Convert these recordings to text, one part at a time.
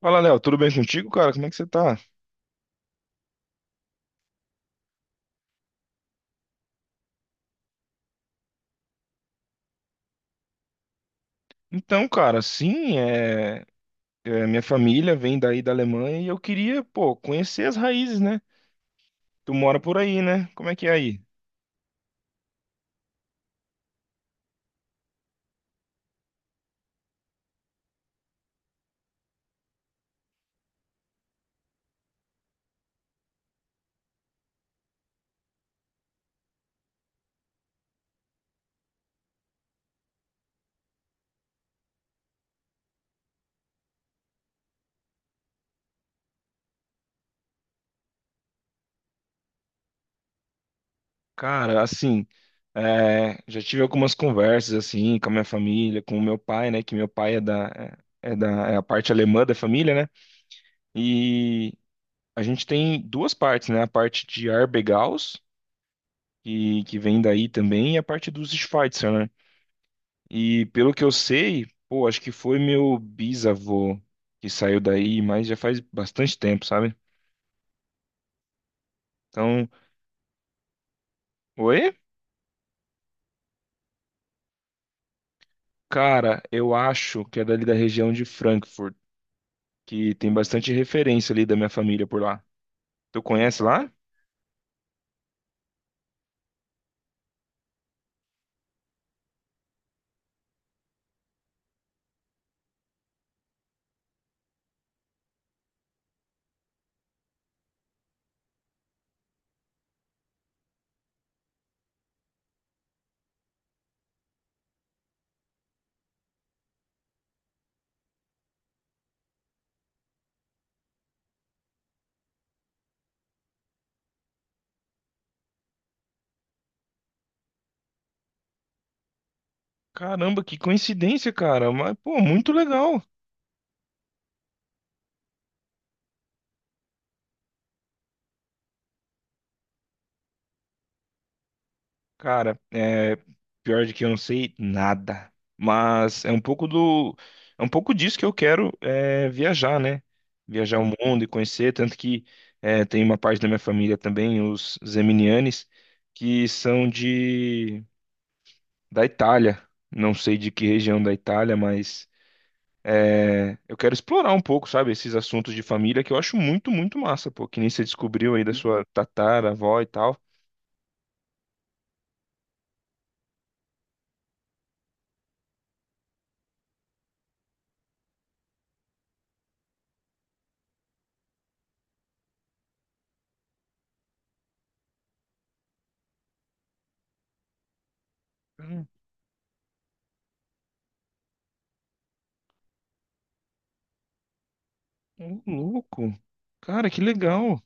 Fala, Léo, tudo bem contigo, cara? Como é que você tá? Então, cara, sim, minha família vem daí da Alemanha e eu queria, pô, conhecer as raízes, né? Tu mora por aí, né? Como é que é aí? Cara, assim, é, já tive algumas conversas, assim, com a minha família, com o meu pai, né? Que meu pai é a parte alemã da família, né? E a gente tem duas partes, né? A parte de Arbegaus, que vem daí também, e a parte dos Schweitzer, né? E pelo que eu sei, pô, acho que foi meu bisavô que saiu daí, mas já faz bastante tempo, sabe? Então, oi? Cara, eu acho que é dali da região de Frankfurt, que tem bastante referência ali da minha família por lá. Tu conhece lá? Caramba, que coincidência, cara. Mas, pô, muito legal. Cara, é pior de que eu não sei nada, mas é um pouco do, é um pouco disso que eu quero é, viajar, né? Viajar o mundo e conhecer, tanto que é, tem uma parte da minha família também, os zeminianes, que são de da Itália. Não sei de que região da Itália, mas é, eu quero explorar um pouco, sabe, esses assuntos de família que eu acho muito, muito massa, pô. Que nem você descobriu aí da sua tataravó e tal. Cara, ô louco. Cara, que legal.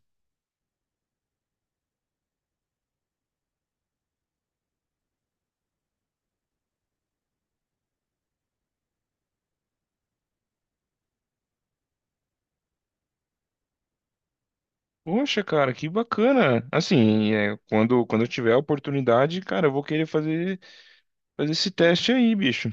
Poxa, cara, que bacana. Assim, é, quando eu tiver a oportunidade, cara, eu vou querer fazer, fazer esse teste aí, bicho.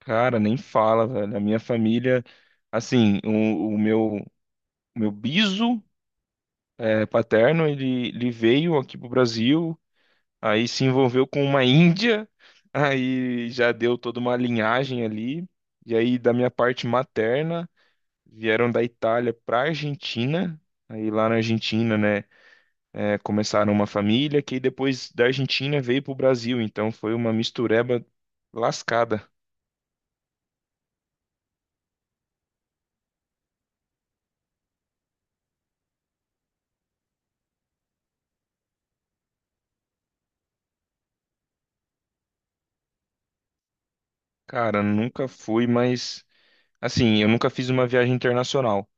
Cara, nem fala, velho. A minha família, assim, o meu biso é, paterno, ele veio aqui pro Brasil, aí se envolveu com uma índia, aí já deu toda uma linhagem ali. E aí, da minha parte materna, vieram da Itália pra Argentina. Aí lá na Argentina, né? É, começaram uma família que depois da Argentina veio para o Brasil, então foi uma mistureba lascada. Cara, nunca fui, mas assim, eu nunca fiz uma viagem internacional,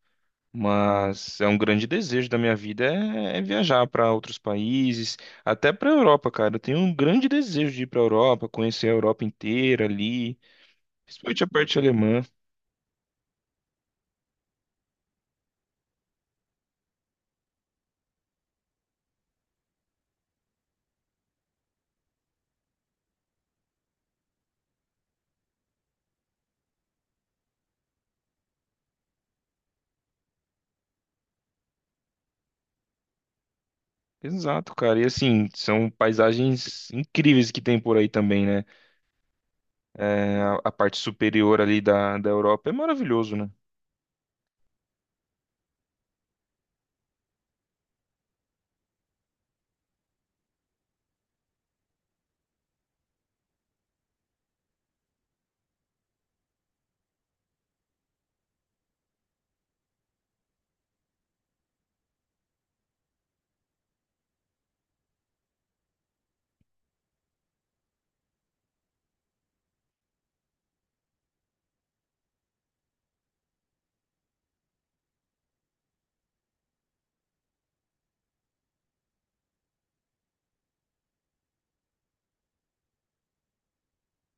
mas é um grande desejo da minha vida é viajar para outros países, até para a Europa, cara. Eu tenho um grande desejo de ir para a Europa, conhecer a Europa inteira ali, principalmente a parte alemã. Exato, cara. E assim, são paisagens incríveis que tem por aí também, né? É, a parte superior ali da Europa é maravilhoso, né?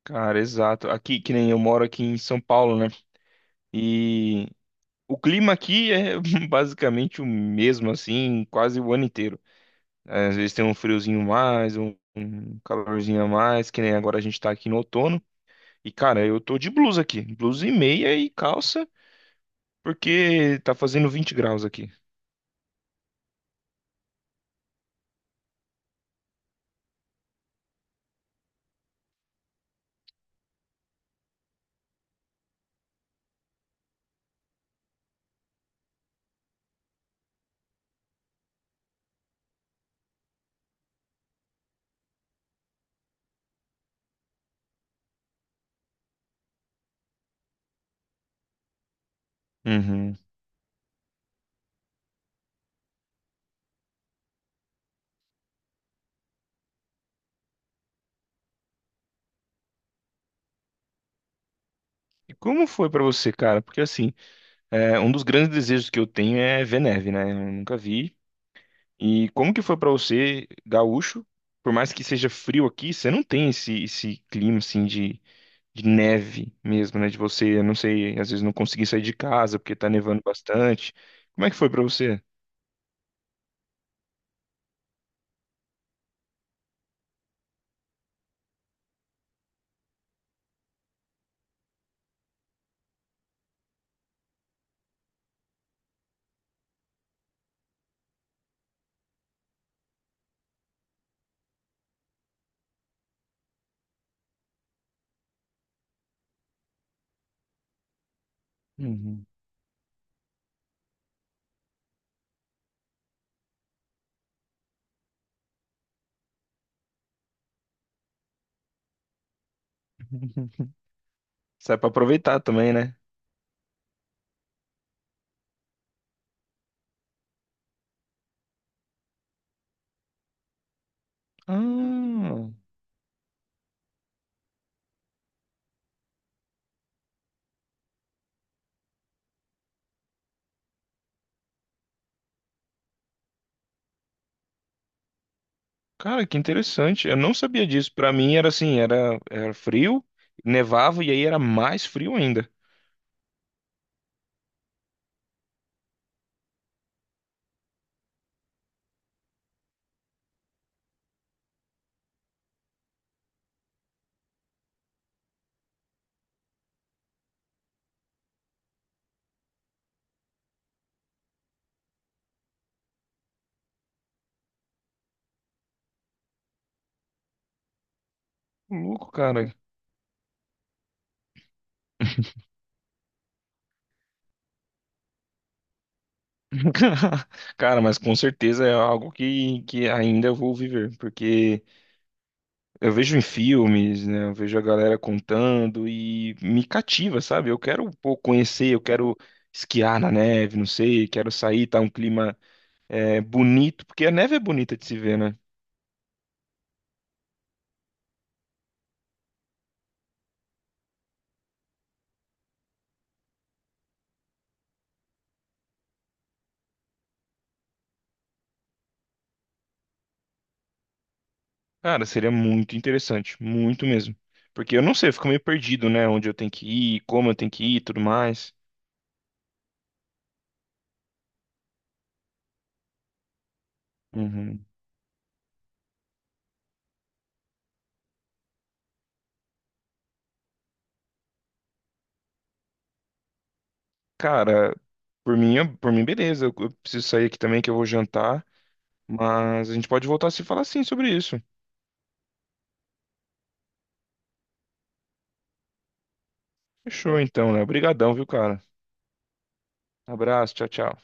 Cara, exato. Aqui, que nem eu moro aqui em São Paulo, né? E o clima aqui é basicamente o mesmo, assim, quase o ano inteiro. É, às vezes tem um friozinho mais, um calorzinho a mais, que nem agora a gente tá aqui no outono. E, cara, eu tô de blusa aqui, blusa e meia e calça, porque tá fazendo 20 graus aqui. Uhum. E como foi pra você, cara? Porque assim, é, um dos grandes desejos que eu tenho é ver neve, né? Eu nunca vi. E como que foi pra você, gaúcho? Por mais que seja frio aqui, você não tem esse, clima assim de neve mesmo, né? De você, eu não sei, às vezes não conseguir sair de casa porque tá nevando bastante. Como é que foi pra você? Uhum. Sai pra aproveitar também, né? Ah, cara, que interessante. Eu não sabia disso. Pra mim era assim, era frio, nevava e aí era mais frio ainda. Louco, cara. Cara, mas com certeza é algo que ainda eu vou viver, porque eu vejo em filmes, né? Eu vejo a galera contando e me cativa, sabe? Eu quero, pô, conhecer, eu quero esquiar na neve, não sei, quero sair, tá um clima é, bonito, porque a neve é bonita de se ver, né? Cara, seria muito interessante, muito mesmo. Porque eu não sei, eu fico meio perdido, né? Onde eu tenho que ir, como eu tenho que ir, e tudo mais. Uhum. Cara, por mim, beleza. Eu preciso sair aqui também que eu vou jantar. Mas a gente pode voltar a se falar sim sobre isso. Fechou então, né? Obrigadão, viu, cara? Abraço, tchau, tchau.